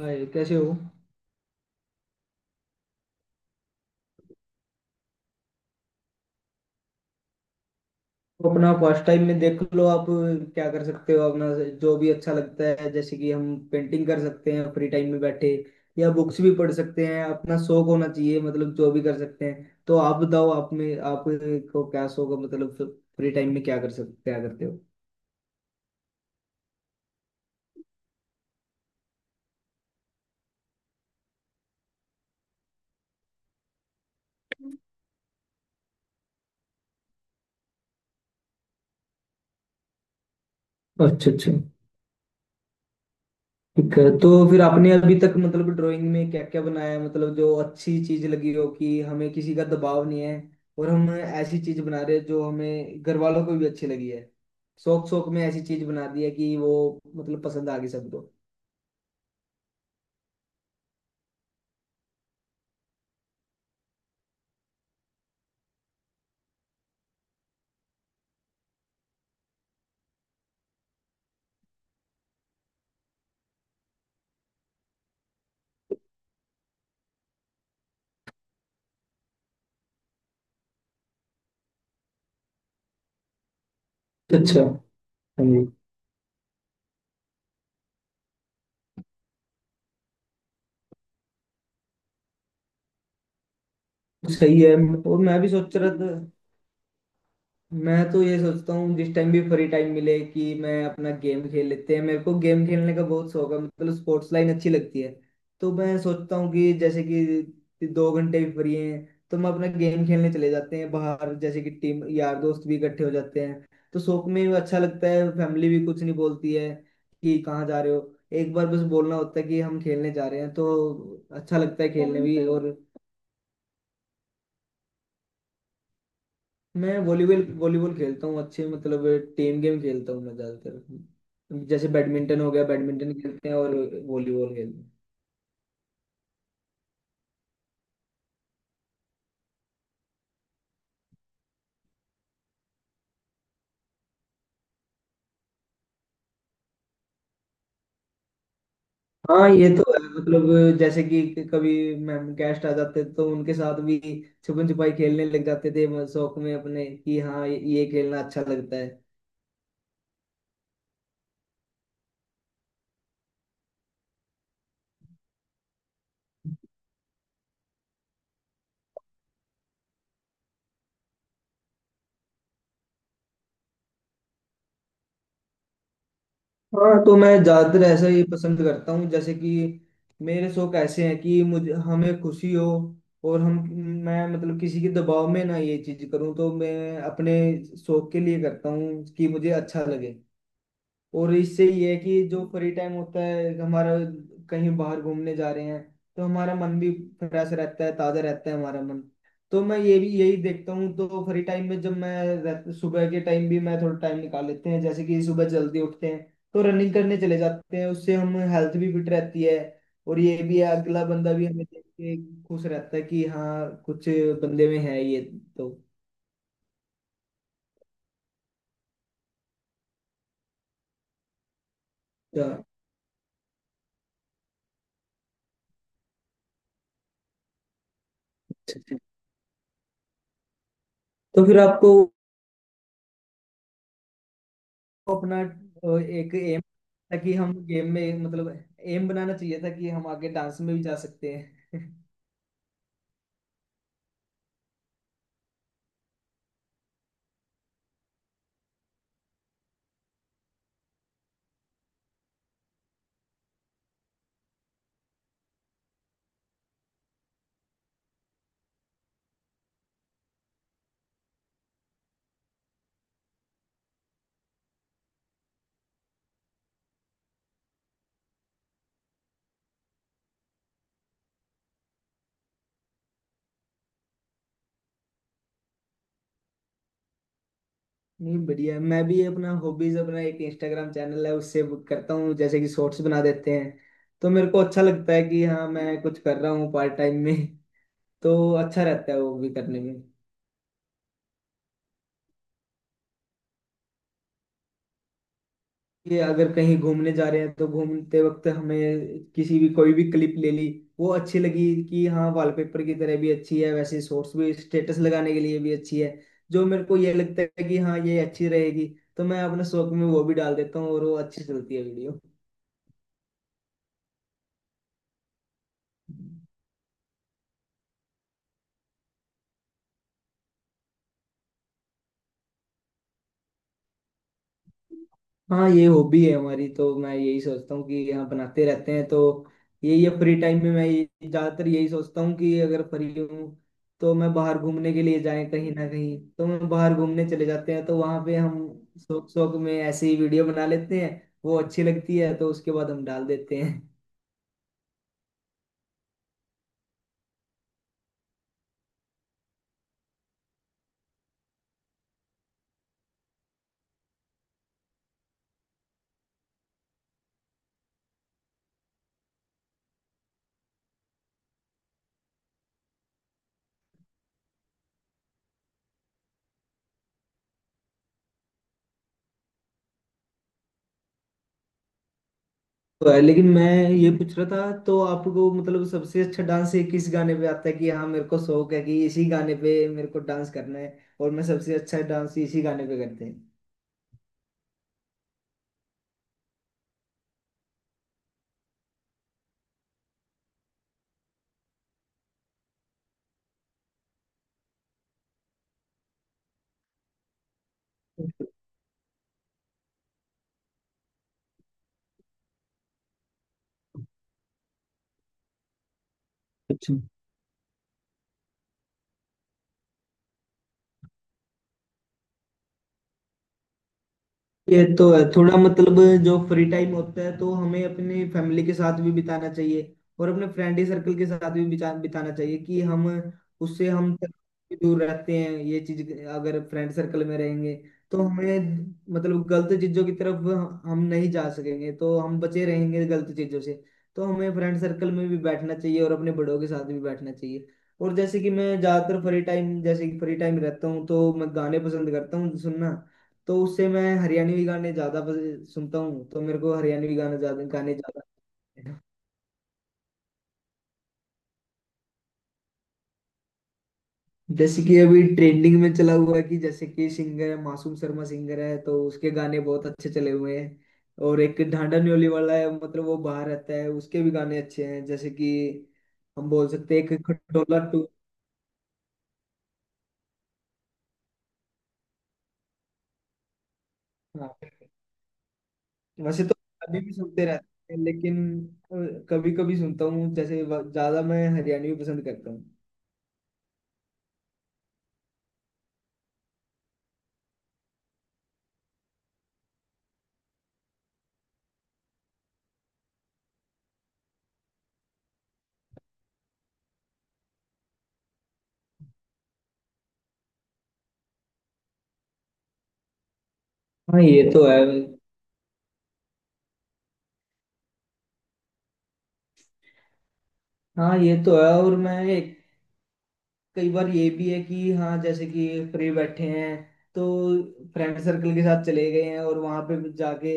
हाय, कैसे हो। तो अपना फर्स्ट टाइम में देख लो आप क्या कर सकते हो अपना। जो भी अच्छा लगता है जैसे कि हम पेंटिंग कर सकते हैं फ्री टाइम में बैठे, या बुक्स भी पढ़ सकते हैं। अपना शौक होना चाहिए, मतलब जो भी कर सकते हैं। तो आप बताओ आप में आपको क्या शौक है, मतलब फ्री टाइम में क्या कर सकते, क्या करते हो। अच्छा अच्छा। ठीक है तो फिर आपने अभी तक मतलब ड्राइंग में क्या क्या बनाया है, मतलब जो अच्छी चीज लगी हो कि हमें किसी का दबाव नहीं है, और हम ऐसी चीज बना रहे हैं जो हमें घर वालों को भी अच्छी लगी है। शौक शौक में ऐसी चीज बना दी है कि वो मतलब पसंद आ गई सबको। अच्छा। हाँ जी। सही है। और मैं भी सोच रहा था, मैं तो ये सोचता हूँ जिस टाइम भी फ्री टाइम मिले कि मैं अपना गेम खेल लेते हैं। मेरे को गेम खेलने का बहुत शौक है, मतलब स्पोर्ट्स लाइन अच्छी लगती है। तो मैं सोचता हूँ कि जैसे कि दो घंटे भी फ्री हैं तो हम अपना गेम खेलने चले जाते हैं बाहर, जैसे कि टीम यार दोस्त भी इकट्ठे हो जाते हैं। तो शौक में भी अच्छा लगता है, फैमिली भी कुछ नहीं बोलती है कि कहाँ जा रहे हो। एक बार बस बोलना होता है कि हम खेलने जा रहे हैं। तो अच्छा लगता है खेलने भी। और मैं वॉलीबॉल वॉलीबॉल खेलता हूँ, अच्छे मतलब टीम गेम खेलता हूँ मैं ज्यादातर। जैसे बैडमिंटन हो गया, बैडमिंटन खेलते हैं और वॉलीबॉल खेलते हैं। हाँ ये तो है, मतलब जैसे कि कभी मैम गेस्ट आ जाते तो उनके साथ भी छुपन छुपाई खेलने लग जाते थे। शौक में अपने कि हाँ ये खेलना अच्छा लगता है। हाँ तो मैं ज्यादातर ऐसा ही पसंद करता हूँ, जैसे कि मेरे शौक ऐसे हैं कि मुझे हमें खुशी हो। और हम, मैं मतलब किसी के दबाव में ना ये चीज करूँ, तो मैं अपने शौक के लिए करता हूँ कि मुझे अच्छा लगे। और इससे ये है कि जो फ्री टाइम होता है हमारा, कहीं बाहर घूमने जा रहे हैं तो हमारा मन भी फ्रेश रहता है, ताजा रहता है हमारा मन। तो मैं ये भी यही देखता हूँ, तो फ्री टाइम में जब मैं सुबह के टाइम भी मैं थोड़ा टाइम निकाल लेते हैं, जैसे कि सुबह जल्दी उठते हैं तो रनिंग करने चले जाते हैं। उससे हम हेल्थ भी फिट रहती है। और ये भी है अगला बंदा भी हमें देख के खुश रहता है कि हाँ कुछ बंदे में है ये। तो तो तो फिर आपको अपना एक एम था कि हम गेम में मतलब एम बनाना चाहिए था कि हम आगे डांस में भी जा सकते हैं। नहीं, बढ़िया है। मैं भी अपना हॉबीज, अपना एक इंस्टाग्राम चैनल है, उससे वो करता हूँ। जैसे कि शॉर्ट्स बना देते हैं, तो मेरे को अच्छा लगता है कि हाँ मैं कुछ कर रहा हूँ पार्ट टाइम में। तो अच्छा रहता है वो भी करने में। ये अगर कहीं घूमने जा रहे हैं तो घूमते वक्त हमें किसी भी कोई भी क्लिप ले ली, वो अच्छी लगी कि हाँ वॉलपेपर की तरह भी अच्छी है, वैसे शॉर्ट्स भी स्टेटस लगाने के लिए भी अच्छी है। जो मेरे को ये लगता है कि हाँ ये अच्छी रहेगी, तो मैं अपने शौक में वो भी डाल देता हूँ और वो अच्छी चलती है वीडियो। हाँ ये हॉबी है हमारी, तो मैं यही सोचता हूँ कि हम बनाते रहते हैं। तो यही है, फ्री टाइम में मैं ज्यादातर यही सोचता हूँ कि अगर फ्री हूँ तो मैं बाहर घूमने के लिए जाएं कहीं ना कहीं, तो हम बाहर घूमने चले जाते हैं। तो वहां पे हम शौक शौक में ऐसे ही वीडियो बना लेते हैं, वो अच्छी लगती है तो उसके बाद हम डाल देते हैं। तो है, लेकिन मैं ये पूछ रहा था तो आपको मतलब सबसे अच्छा डांस किस गाने पे आता है कि हाँ मेरे को शौक है कि इसी गाने पे मेरे को डांस करना है और मैं सबसे अच्छा डांस इसी गाने पे करते हैं। अच्छा। ये तो है थोड़ा मतलब, जो फ्री टाइम होता है तो हमें अपनी फैमिली के साथ भी बिताना चाहिए, और अपने फ्रेंडी सर्कल के साथ भी बिताना चाहिए। कि हम उससे हम भी दूर रहते हैं, ये चीज अगर फ्रेंड सर्कल में रहेंगे तो हमें मतलब गलत चीजों की तरफ हम नहीं जा सकेंगे, तो हम बचे रहेंगे गलत चीजों से। तो हमें फ्रेंड सर्कल में भी बैठना चाहिए और अपने बड़ों के साथ भी बैठना चाहिए। और जैसे कि मैं ज्यादातर फ्री टाइम, जैसे कि फ्री टाइम रहता हूँ तो मैं गाने पसंद करता हूँ सुनना। तो उससे मैं हरियाणवी गाने ज्यादा सुनता हूँ, तो मेरे को हरियाणवी गाना ज्यादा, गाने ज्यादा। जैसे कि अभी ट्रेंडिंग में चला हुआ है कि जैसे कि सिंगर है मासूम शर्मा सिंगर है, तो उसके गाने बहुत अच्छे चले हुए हैं। और एक ढांडा न्योली वाला है, मतलब वो बाहर रहता है, उसके भी गाने अच्छे हैं। जैसे कि हम बोल सकते हैं एक खटोला टू। हाँ, वैसे तो अभी भी सुनते रहते हैं, लेकिन कभी कभी सुनता हूँ। जैसे ज्यादा मैं हरियाणवी पसंद करता हूँ। हाँ ये तो है। हाँ ये तो है और कई बार ये भी है कि हाँ जैसे कि फ्री बैठे हैं तो फ्रेंड सर्कल के साथ चले गए हैं, और वहां पे भी जाके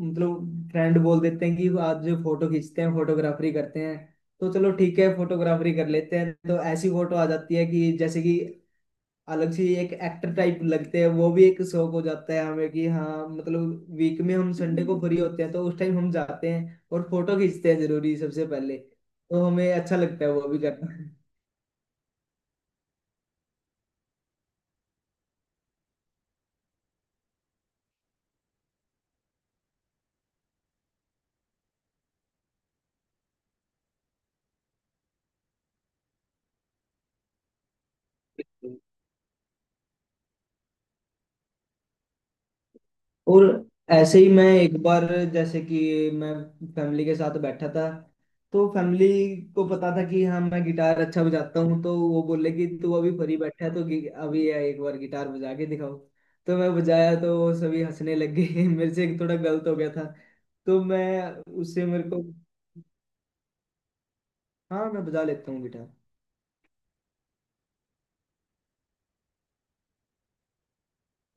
मतलब फ्रेंड बोल देते हैं कि आज जो फोटो खींचते हैं, फोटोग्राफरी करते हैं। तो चलो ठीक है, फोटोग्राफरी कर लेते हैं। तो ऐसी फोटो आ जाती है कि जैसे कि अलग से एक एक्टर टाइप लगते हैं। वो भी एक शौक हो जाता है हमें कि हाँ, मतलब वीक में हम संडे को फ्री होते हैं तो उस टाइम हम जाते हैं और फोटो खींचते हैं जरूरी सबसे पहले। तो हमें अच्छा लगता है वो भी करना। और ऐसे ही मैं एक बार, जैसे कि मैं फैमिली के साथ बैठा था, तो फैमिली को पता था कि हाँ मैं गिटार अच्छा बजाता हूँ। तो वो बोले कि तू अभी फ्री बैठा है तो अभी ये एक बार गिटार बजा के दिखाओ। तो मैं बजाया तो वो सभी हंसने लग गए। मेरे से एक थोड़ा गलत हो गया था। तो मैं, उससे मेरे को, हाँ मैं बजा लेता हूँ गिटार।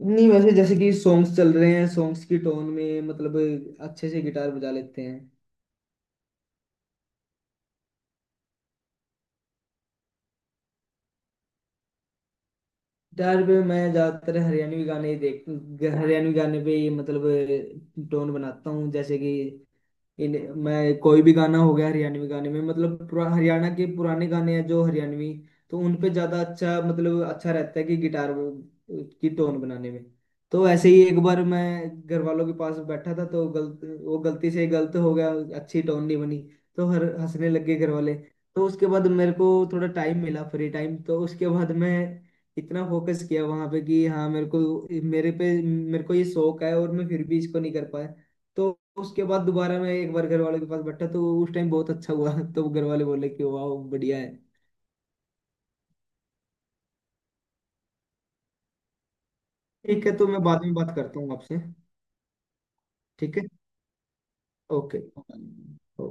नहीं वैसे जैसे कि सॉन्ग्स चल रहे हैं, सॉन्ग्स की टोन में मतलब अच्छे से गिटार बजा लेते हैं। डर पे मैं ज्यादातर हरियाणवी गाने ही देख, हरियाणवी गाने पे ही मतलब टोन बनाता हूँ। जैसे कि इन, मैं कोई भी गाना हो गया हरियाणवी गाने में मतलब हरियाणा के पुराने गाने हैं जो हरियाणवी, तो उन पे ज्यादा अच्छा मतलब अच्छा रहता है कि गिटार की टोन बनाने में। तो ऐसे ही एक बार मैं घर वालों के पास बैठा था, तो गलत वो गलती से गलत हो गया, अच्छी टोन नहीं बनी। तो हर हंसने लग गए घर वाले। तो उसके बाद मेरे को थोड़ा टाइम मिला फ्री टाइम, तो उसके बाद मैं इतना फोकस किया वहां पे कि हाँ मेरे को, मेरे पे मेरे को ये शौक है और मैं फिर भी इसको नहीं कर पाया। तो उसके बाद दोबारा मैं एक बार घर वालों के पास बैठा तो उस टाइम बहुत अच्छा हुआ। तो घर वाले बोले कि वाह बढ़िया है। ठीक है, तो मैं बाद में बात करता हूँ आपसे। ठीक है। ओके। ओके।